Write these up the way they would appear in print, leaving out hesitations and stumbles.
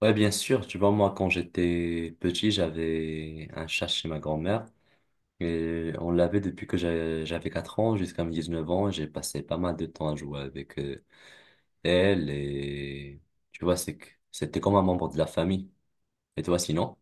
Ouais, bien sûr. Tu vois, moi, quand j'étais petit, j'avais un chat chez ma grand-mère. Et on l'avait depuis que j'avais 4 ans jusqu'à mes 19 ans. J'ai passé pas mal de temps à jouer avec elle. Et tu vois, c'est que c'était comme un membre de la famille. Et toi, sinon?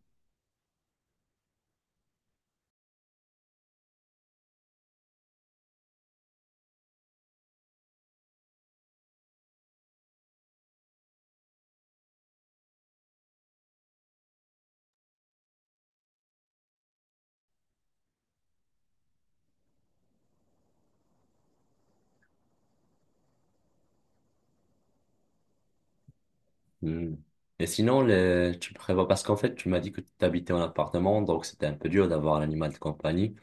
Hmm. Et sinon, tu prévois, parce qu'en fait, tu m'as dit que tu habitais en appartement, donc c'était un peu dur d'avoir un animal de compagnie.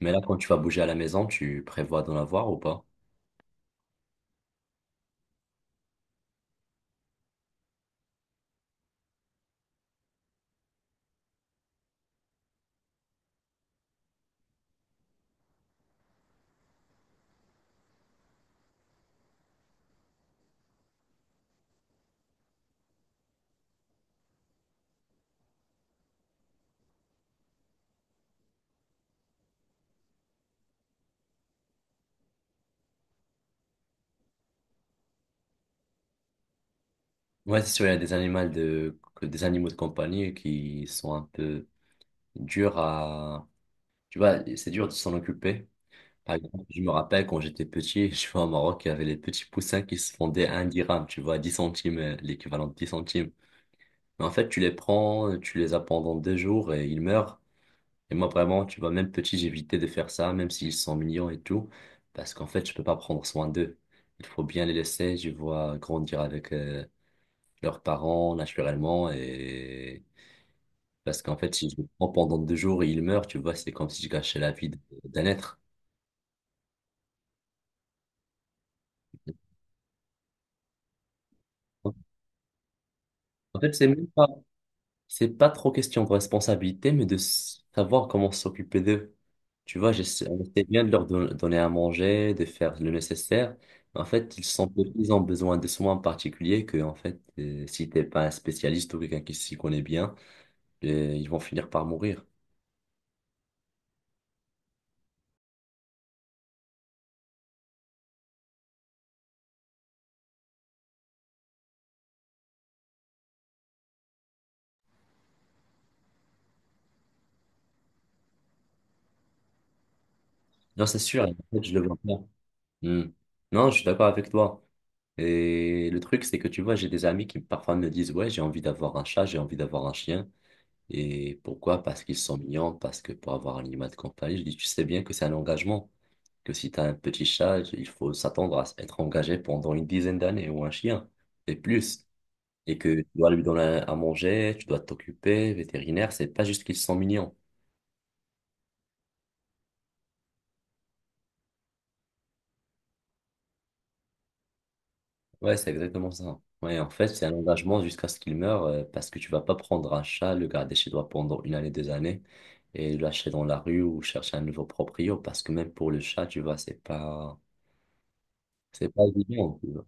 Mais là, quand tu vas bouger à la maison, tu prévois d'en avoir ou pas? Ouais, c'est sûr, il y a des animaux des animaux de compagnie qui sont un peu durs à, tu vois, c'est dur de s'en occuper. Par exemple, je me rappelle quand j'étais petit, je vois au Maroc, il y avait les petits poussins qui se vendaient à 1 dirham, tu vois, 10 centimes, l'équivalent de 10 centimes. Mais en fait, tu les prends, tu les as pendant 2 jours et ils meurent. Et moi, vraiment, tu vois, même petit, j'évitais de faire ça, même s'ils sont mignons et tout, parce qu'en fait, je peux pas prendre soin d'eux. Il faut bien les laisser, je vois, grandir avec, leurs parents naturellement. Et parce qu'en fait, si je le prends pendant 2 jours et il meurt, tu vois, c'est comme si je gâchais la vie d'un être. En fait, c'est même pas, c'est pas trop question de responsabilité, mais de savoir comment s'occuper d'eux. Tu vois, j'essaie, on essaie bien de leur donner à manger, de faire le nécessaire. Mais en fait, ils ont besoin de soins particuliers que, en fait, si t'es pas un spécialiste ou quelqu'un qui s'y connaît bien, ils vont finir par mourir. Non, c'est sûr, en fait, je le vois bien. Hmm. Non, je suis d'accord avec toi. Et le truc, c'est que tu vois, j'ai des amis qui parfois me disent, ouais, j'ai envie d'avoir un chat, j'ai envie d'avoir un chien. Et pourquoi? Parce qu'ils sont mignons, parce que pour avoir un animal de compagnie, je dis, tu sais bien que c'est un engagement, que si tu as un petit chat, il faut s'attendre à être engagé pendant une dizaine d'années, ou un chien, et plus. Et que tu dois lui donner à manger, tu dois t'occuper, vétérinaire, c'est pas juste qu'ils sont mignons. Ouais, c'est exactement ça. Ouais, en fait, c'est un engagement jusqu'à ce qu'il meure, parce que tu vas pas prendre un chat, le garder chez toi pendant une année, 2 années, et le lâcher dans la rue ou chercher un nouveau proprio, parce que même pour le chat, tu vois, c'est pas, c'est pas évident. Tu vois.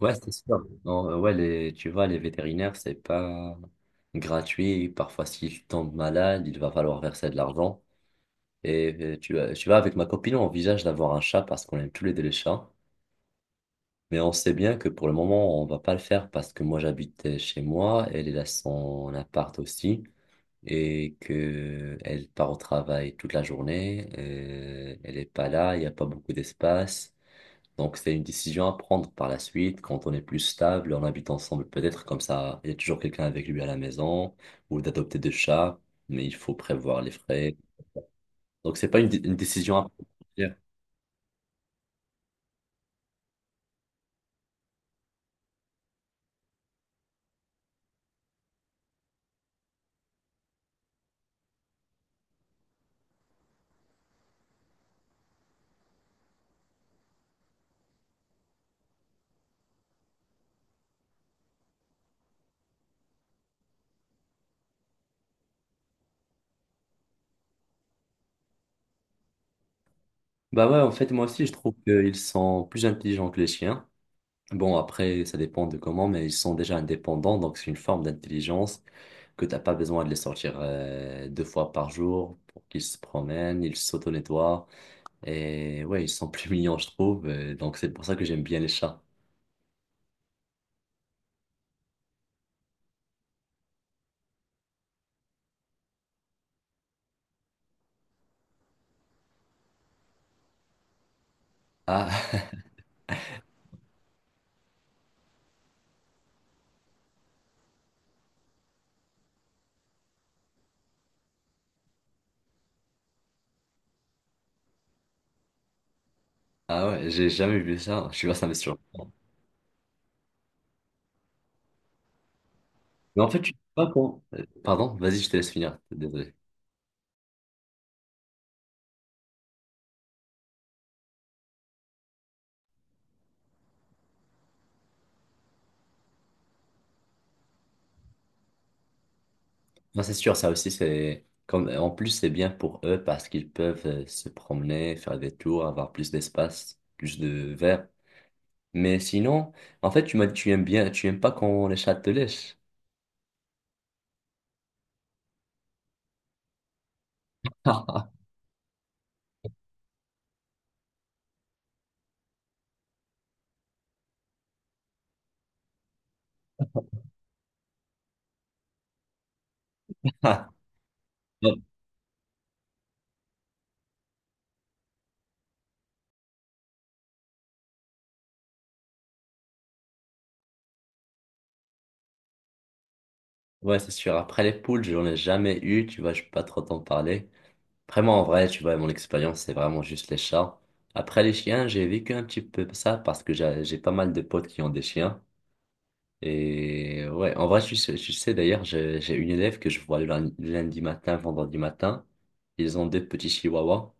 Ouais, c'est sûr. Non, ouais, les, tu vois, les vétérinaires, c'est pas gratuit. Parfois, s'il tombe malade, il va falloir verser de l'argent. Et tu vois, avec ma copine, on envisage d'avoir un chat parce qu'on aime tous les deux les chats. Mais on sait bien que pour le moment, on va pas le faire, parce que moi, j'habite chez moi, elle a son appart aussi, et que elle part au travail toute la journée. Elle est pas là, il n'y a pas beaucoup d'espace. Donc, c'est une décision à prendre par la suite, quand on est plus stable, on habite ensemble, peut-être comme ça il y a toujours quelqu'un avec lui à la maison, ou d'adopter deux chats, mais il faut prévoir les frais. Donc, c'est pas une décision à prendre. Bah ouais, en fait, moi aussi, je trouve qu'ils sont plus intelligents que les chiens. Bon, après, ça dépend de comment, mais ils sont déjà indépendants, donc c'est une forme d'intelligence, que t'as pas besoin de les sortir deux fois par jour pour qu'ils se promènent, ils s'auto-nettoient. Et ouais, ils sont plus mignons, je trouve. Donc c'est pour ça que j'aime bien les chats. Ah, ah ouais, j'ai jamais vu ça. Je suis pas, ça me surprend. Mais en fait, tu sais pas quand. Pardon, vas-y, je te laisse finir. Désolé. Non, c'est sûr, ça aussi, c'est. Comme, en plus, c'est bien pour eux parce qu'ils peuvent se promener, faire des tours, avoir plus d'espace, plus de verre. Mais sinon, en fait, tu m'as dit tu aimes bien, tu aimes pas quand les chats te lèchent. Ouais, c'est sûr. Après les poules, j'en ai jamais eu, tu vois, je peux pas trop t'en parler. Vraiment, en vrai, tu vois, mon expérience, c'est vraiment juste les chats. Après les chiens, j'ai vécu un petit peu ça parce que j'ai pas mal de potes qui ont des chiens. Et ouais, en vrai, tu sais d'ailleurs, j'ai une élève que je vois le lundi matin, vendredi matin. Ils ont deux petits chihuahuas.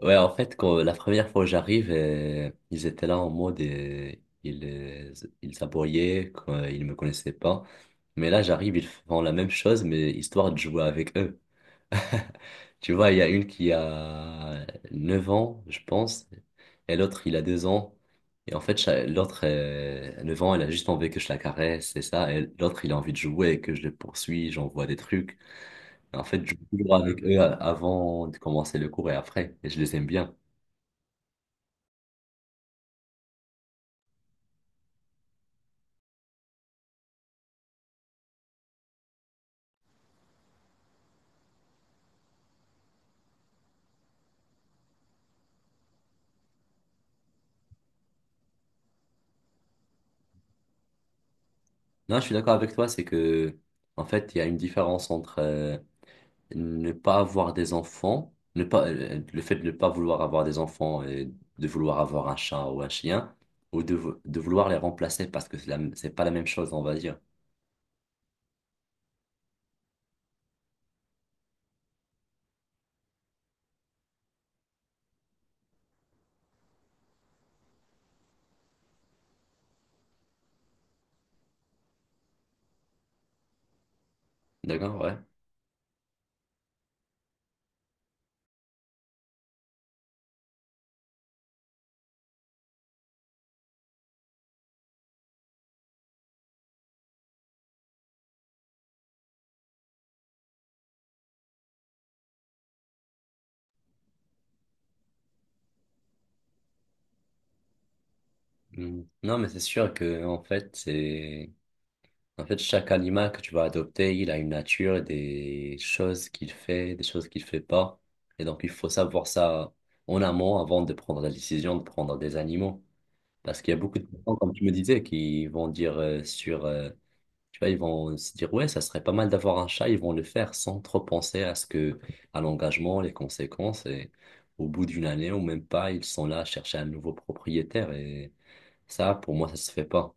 Ouais, en fait, quand la première fois que j'arrive, ils étaient là en mode, ils, euh, ils s'aboyaient, quoi, ils me connaissaient pas. Mais là, j'arrive, ils font la même chose, mais histoire de jouer avec eux. Tu vois, il y a une qui a 9 ans, je pense, et l'autre, il a 2 ans. Et en fait, l'autre, 9 ans, elle a juste envie que je la caresse, c'est ça. Et l'autre, il a envie de jouer, que je le poursuis, j'envoie des trucs. En fait, je joue toujours avec eux avant de commencer le cours et après. Et je les aime bien. Non, je suis d'accord avec toi, c'est que, en fait, il y a une différence entre ne pas avoir des enfants, ne pas, le fait de ne pas vouloir avoir des enfants et de vouloir avoir un chat ou un chien, ou de vouloir les remplacer parce que c'est pas la même chose, on va dire. D'accord, ouais. Mm. Non, mais c'est sûr que, en fait, c'est, en fait, chaque animal que tu vas adopter, il a une nature, et des choses qu'il fait, des choses qu'il fait pas. Et donc, il faut savoir ça en amont avant de prendre la décision de prendre des animaux. Parce qu'il y a beaucoup de gens, comme tu me disais, qui vont dire tu vois, ils vont se dire, ouais, ça serait pas mal d'avoir un chat, ils vont le faire sans trop penser à ce que, à l'engagement, les conséquences, et au bout d'une année ou même pas, ils sont là à chercher un nouveau propriétaire, et ça, pour moi, ça se fait pas.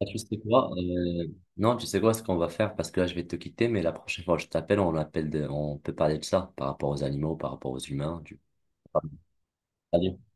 Ah, tu sais quoi? Non, tu sais quoi, ce qu'on va faire, parce que là, je vais te quitter, mais la prochaine fois que je t'appelle, on peut parler de ça, par rapport aux animaux, par rapport aux humains. Tu- allez